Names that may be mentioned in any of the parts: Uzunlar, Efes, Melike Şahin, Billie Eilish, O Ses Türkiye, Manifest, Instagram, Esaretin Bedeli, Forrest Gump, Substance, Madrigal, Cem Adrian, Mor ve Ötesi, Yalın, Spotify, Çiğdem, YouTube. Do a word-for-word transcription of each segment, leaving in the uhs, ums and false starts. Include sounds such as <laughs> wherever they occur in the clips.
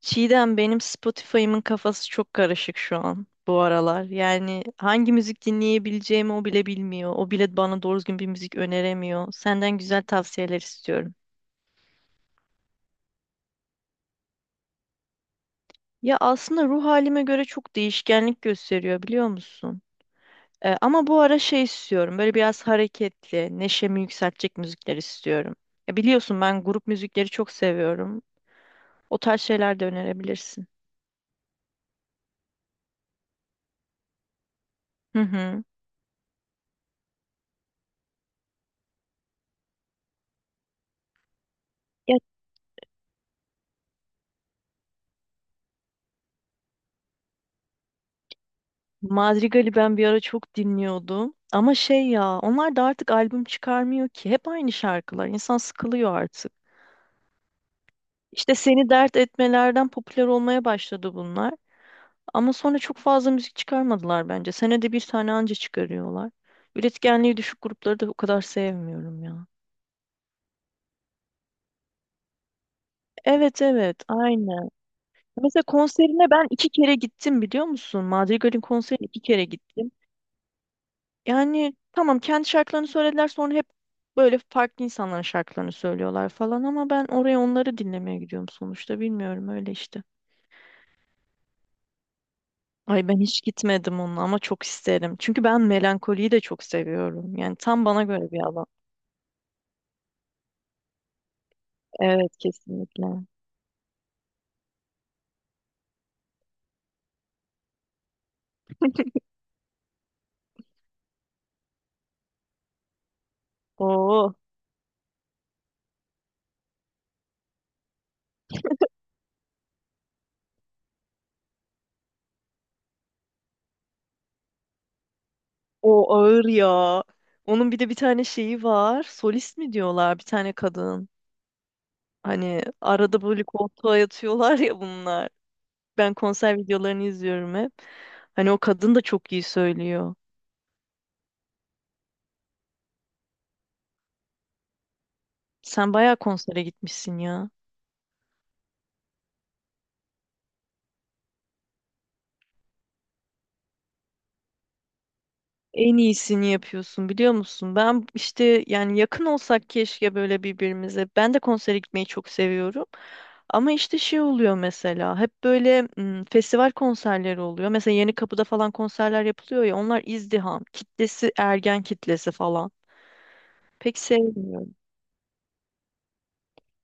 Çiğdem benim Spotify'ımın kafası çok karışık şu an bu aralar. Yani hangi müzik dinleyebileceğimi o bile bilmiyor. O bile bana doğru düzgün bir müzik öneremiyor. Senden güzel tavsiyeler istiyorum. Ya aslında ruh halime göre çok değişkenlik gösteriyor biliyor musun? Ee, ama bu ara şey istiyorum. Böyle biraz hareketli, neşemi yükseltecek müzikler istiyorum. Ya biliyorsun ben grup müzikleri çok seviyorum. O tarz şeyler de önerebilirsin. Hı hı. Madrigal'i ben bir ara çok dinliyordum. Ama şey ya, onlar da artık albüm çıkarmıyor ki. Hep aynı şarkılar. İnsan sıkılıyor artık. İşte seni dert etmelerden popüler olmaya başladı bunlar. Ama sonra çok fazla müzik çıkarmadılar bence. Senede bir tane anca çıkarıyorlar. Üretkenliği düşük grupları da o kadar sevmiyorum ya. Evet evet aynen. Mesela konserine ben iki kere gittim biliyor musun? Madrigal'in konserine iki kere gittim. Yani tamam kendi şarkılarını söylediler sonra hep böyle farklı insanların şarkılarını söylüyorlar falan ama ben oraya onları dinlemeye gidiyorum sonuçta bilmiyorum öyle işte. Ay ben hiç gitmedim onunla ama çok isterim. Çünkü ben melankoliyi de çok seviyorum. Yani tam bana göre bir alan. Evet kesinlikle. Oo, o ağır ya. Onun bir de bir tane şeyi var. Solist mi diyorlar bir tane kadın. Hani arada böyle koltuğa yatıyorlar ya bunlar. Ben konser videolarını izliyorum hep. Hani o kadın da çok iyi söylüyor. Sen bayağı konsere gitmişsin ya. En iyisini yapıyorsun biliyor musun? Ben işte yani yakın olsak keşke böyle birbirimize. Ben de konsere gitmeyi çok seviyorum. Ama işte şey oluyor mesela. Hep böyle m, festival konserleri oluyor. Mesela Yenikapı'da falan konserler yapılıyor ya. Onlar izdiham. Kitlesi ergen kitlesi falan. Pek sevmiyorum.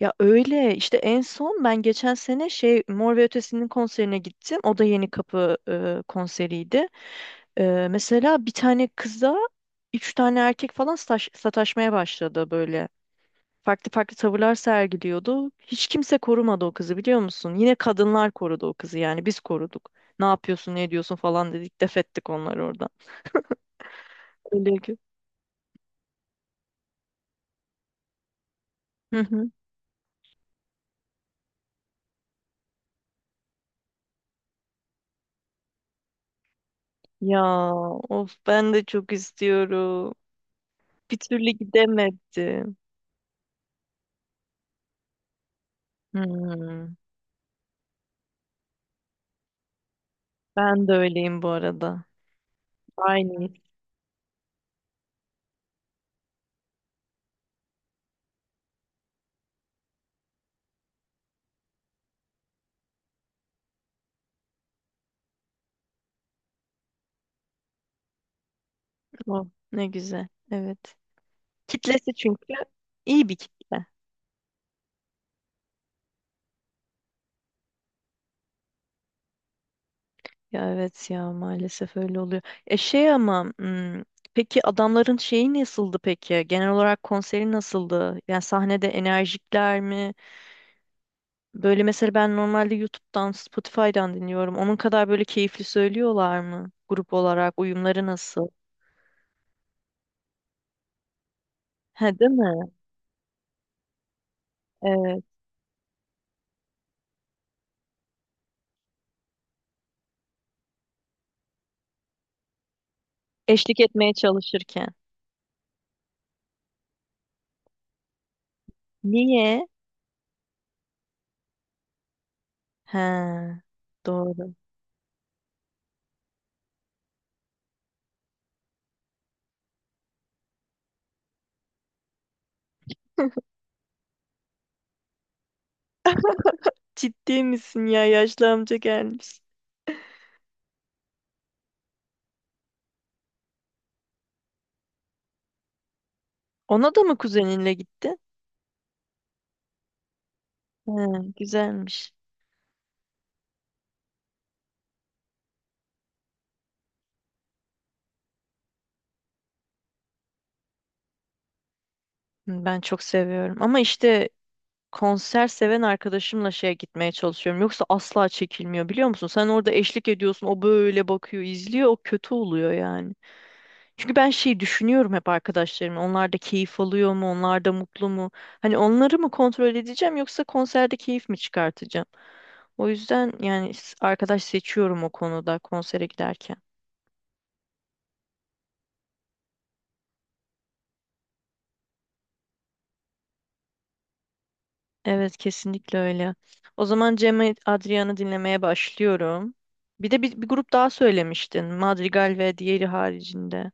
Ya öyle işte en son ben geçen sene şey Mor ve Ötesi'nin konserine gittim. O da Yeni Kapı e, konseriydi. E, mesela bir tane kıza üç tane erkek falan sataş- sataşmaya başladı böyle. Farklı farklı tavırlar sergiliyordu. Hiç kimse korumadı o kızı biliyor musun? Yine kadınlar korudu o kızı yani biz koruduk. Ne yapıyorsun ne ediyorsun falan dedik def ettik onları oradan. Öyle ki. Hı hı. Ya of ben de çok istiyorum. Bir türlü gidemedim. Hmm. Ben de öyleyim bu arada. Aynı his o. Ne güzel. Evet. Kitlesi çünkü iyi bir kitle. Ya evet ya maalesef öyle oluyor. E şey ama hmm, peki adamların şeyi nasıldı peki? Genel olarak konseri nasıldı? Yani sahnede enerjikler mi? Böyle mesela ben normalde YouTube'dan, Spotify'dan dinliyorum. Onun kadar böyle keyifli söylüyorlar mı? Grup olarak uyumları nasıl? He değil mi? Evet. Eşlik etmeye çalışırken. Niye? He. Doğru. Ciddi misin ya? Yaşlı amca gelmiş. Ona da mı kuzeninle gitti? He, güzelmiş. Hı, ben çok seviyorum. Ama işte konser seven arkadaşımla şeye gitmeye çalışıyorum. Yoksa asla çekilmiyor biliyor musun? Sen orada eşlik ediyorsun. O böyle bakıyor, izliyor. O kötü oluyor yani. Çünkü ben şeyi düşünüyorum hep arkadaşlarım. Onlar da keyif alıyor mu? Onlar da mutlu mu? Hani onları mı kontrol edeceğim yoksa konserde keyif mi çıkartacağım? O yüzden yani s- arkadaş seçiyorum o konuda konsere giderken. Evet kesinlikle öyle. O zaman Cem Adrian'ı dinlemeye başlıyorum. Bir de bir, bir grup daha söylemiştin. Madrigal ve diğeri haricinde.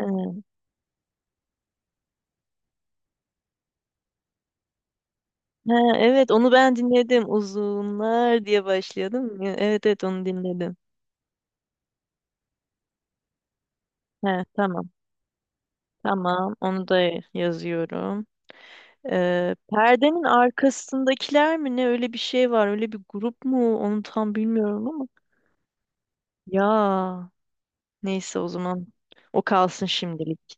Evet. Ha, evet onu ben dinledim. Uzunlar diye başlıyordum. Evet evet onu dinledim. He, tamam. Tamam onu da yazıyorum. Ee, perdenin arkasındakiler mi ne öyle bir şey var öyle bir grup mu onu tam bilmiyorum ama ya neyse o zaman o kalsın şimdilik.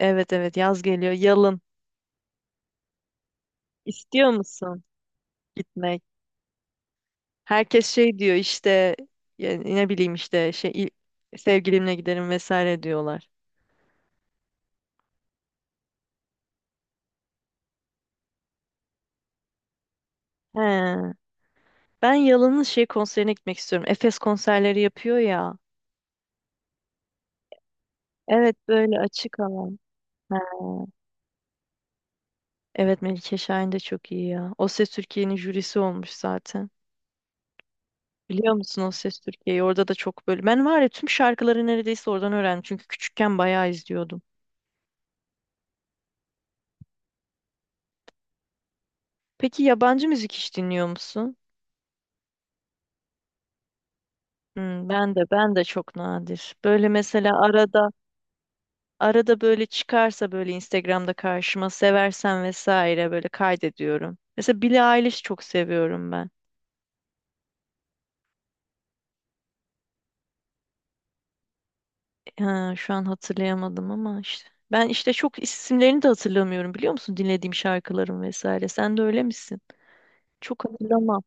Evet evet yaz geliyor yalın. İstiyor musun gitmek? Herkes şey diyor işte yani ne bileyim işte şey il- sevgilimle giderim vesaire diyorlar. He. Ben Yalın'ın şey konserine gitmek istiyorum. Efes konserleri yapıyor ya. Evet böyle açık alan. He. Evet Melike Şahin de çok iyi ya. O Ses Türkiye'nin jürisi olmuş zaten. Biliyor musun O Ses Türkiye'yi? Orada da çok böyle. Ben var ya tüm şarkıları neredeyse oradan öğrendim. Çünkü küçükken bayağı izliyordum. Peki yabancı müzik hiç dinliyor musun? Hmm, ben de ben de çok nadir. Böyle mesela arada arada böyle çıkarsa böyle Instagram'da karşıma seversen vesaire böyle kaydediyorum. Mesela Billie Eilish çok seviyorum ben. Ha, şu an hatırlayamadım ama işte. Ben işte çok isimlerini de hatırlamıyorum biliyor musun? Dinlediğim şarkıların vesaire. Sen de öyle misin? Çok hatırlamam.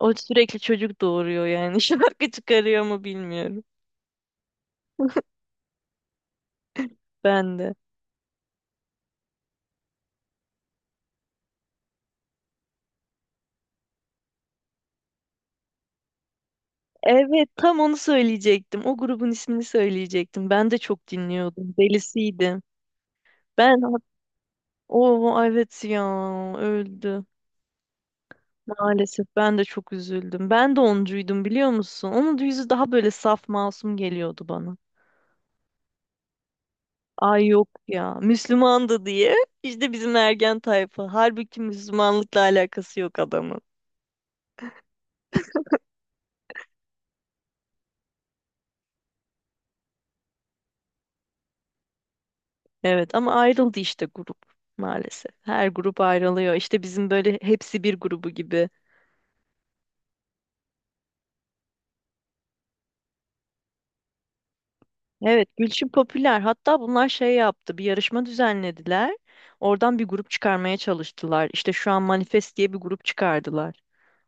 O sürekli çocuk doğuruyor yani. <laughs> Şarkı çıkarıyor mu bilmiyorum. Ben de. Evet, tam onu söyleyecektim. O grubun ismini söyleyecektim. Ben de çok dinliyordum. Delisiydim. Ben o evet ya öldü. Maalesef ben de çok üzüldüm. Ben de oncuydum biliyor musun? Onun da yüzü daha böyle saf masum geliyordu bana. Ay yok ya Müslümandı diye. İşte bizim ergen tayfa. Halbuki Müslümanlıkla alakası yok adamın. Evet ama ayrıldı işte grup maalesef. Her grup ayrılıyor. İşte bizim böyle hepsi bir grubu gibi. Evet, Gülçin popüler. Hatta bunlar şey yaptı, bir yarışma düzenlediler. Oradan bir grup çıkarmaya çalıştılar. İşte şu an Manifest diye bir grup çıkardılar.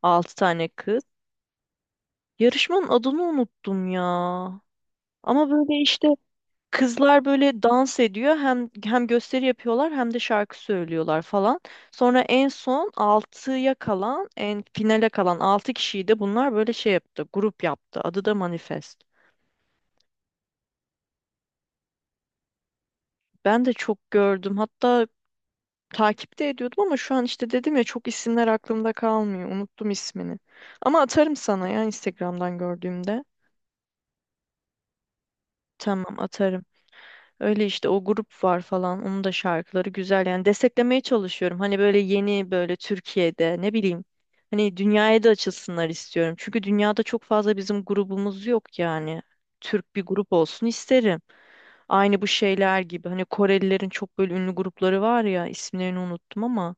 Altı tane kız. Yarışmanın adını unuttum ya. Ama böyle işte kızlar böyle dans ediyor. Hem hem gösteri yapıyorlar hem de şarkı söylüyorlar falan. Sonra en son altıya kalan, en finale kalan altı kişiyi de bunlar böyle şey yaptı, grup yaptı. Adı da Manifest. Ben de çok gördüm. Hatta takipte ediyordum ama şu an işte dedim ya çok isimler aklımda kalmıyor. Unuttum ismini. Ama atarım sana ya Instagram'dan gördüğümde. Tamam atarım. Öyle işte o grup var falan. Onun da şarkıları güzel. Yani desteklemeye çalışıyorum. Hani böyle yeni böyle Türkiye'de ne bileyim. Hani dünyaya da açılsınlar istiyorum. Çünkü dünyada çok fazla bizim grubumuz yok yani. Türk bir grup olsun isterim. Aynı bu şeyler gibi. Hani Korelilerin çok böyle ünlü grupları var ya. İsimlerini unuttum ama.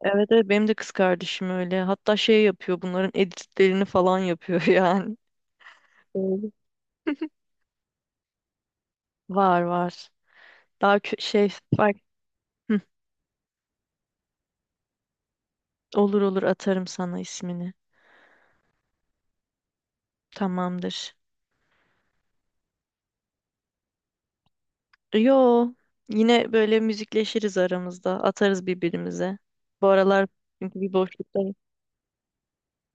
Evet, evet benim de kız kardeşim öyle. Hatta şey yapıyor bunların editlerini falan yapıyor <laughs> yani. Öyle. Var var. Daha kö- şey bak. Hı, olur olur atarım sana ismini. Tamamdır. Yo yine böyle müzikleşiriz aramızda. Atarız birbirimize. Bu aralar çünkü bir boşluktayım.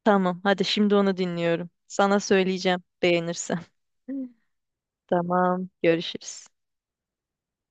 Tamam hadi şimdi onu dinliyorum. Sana söyleyeceğim beğenirsen. <laughs> Tamam görüşürüz.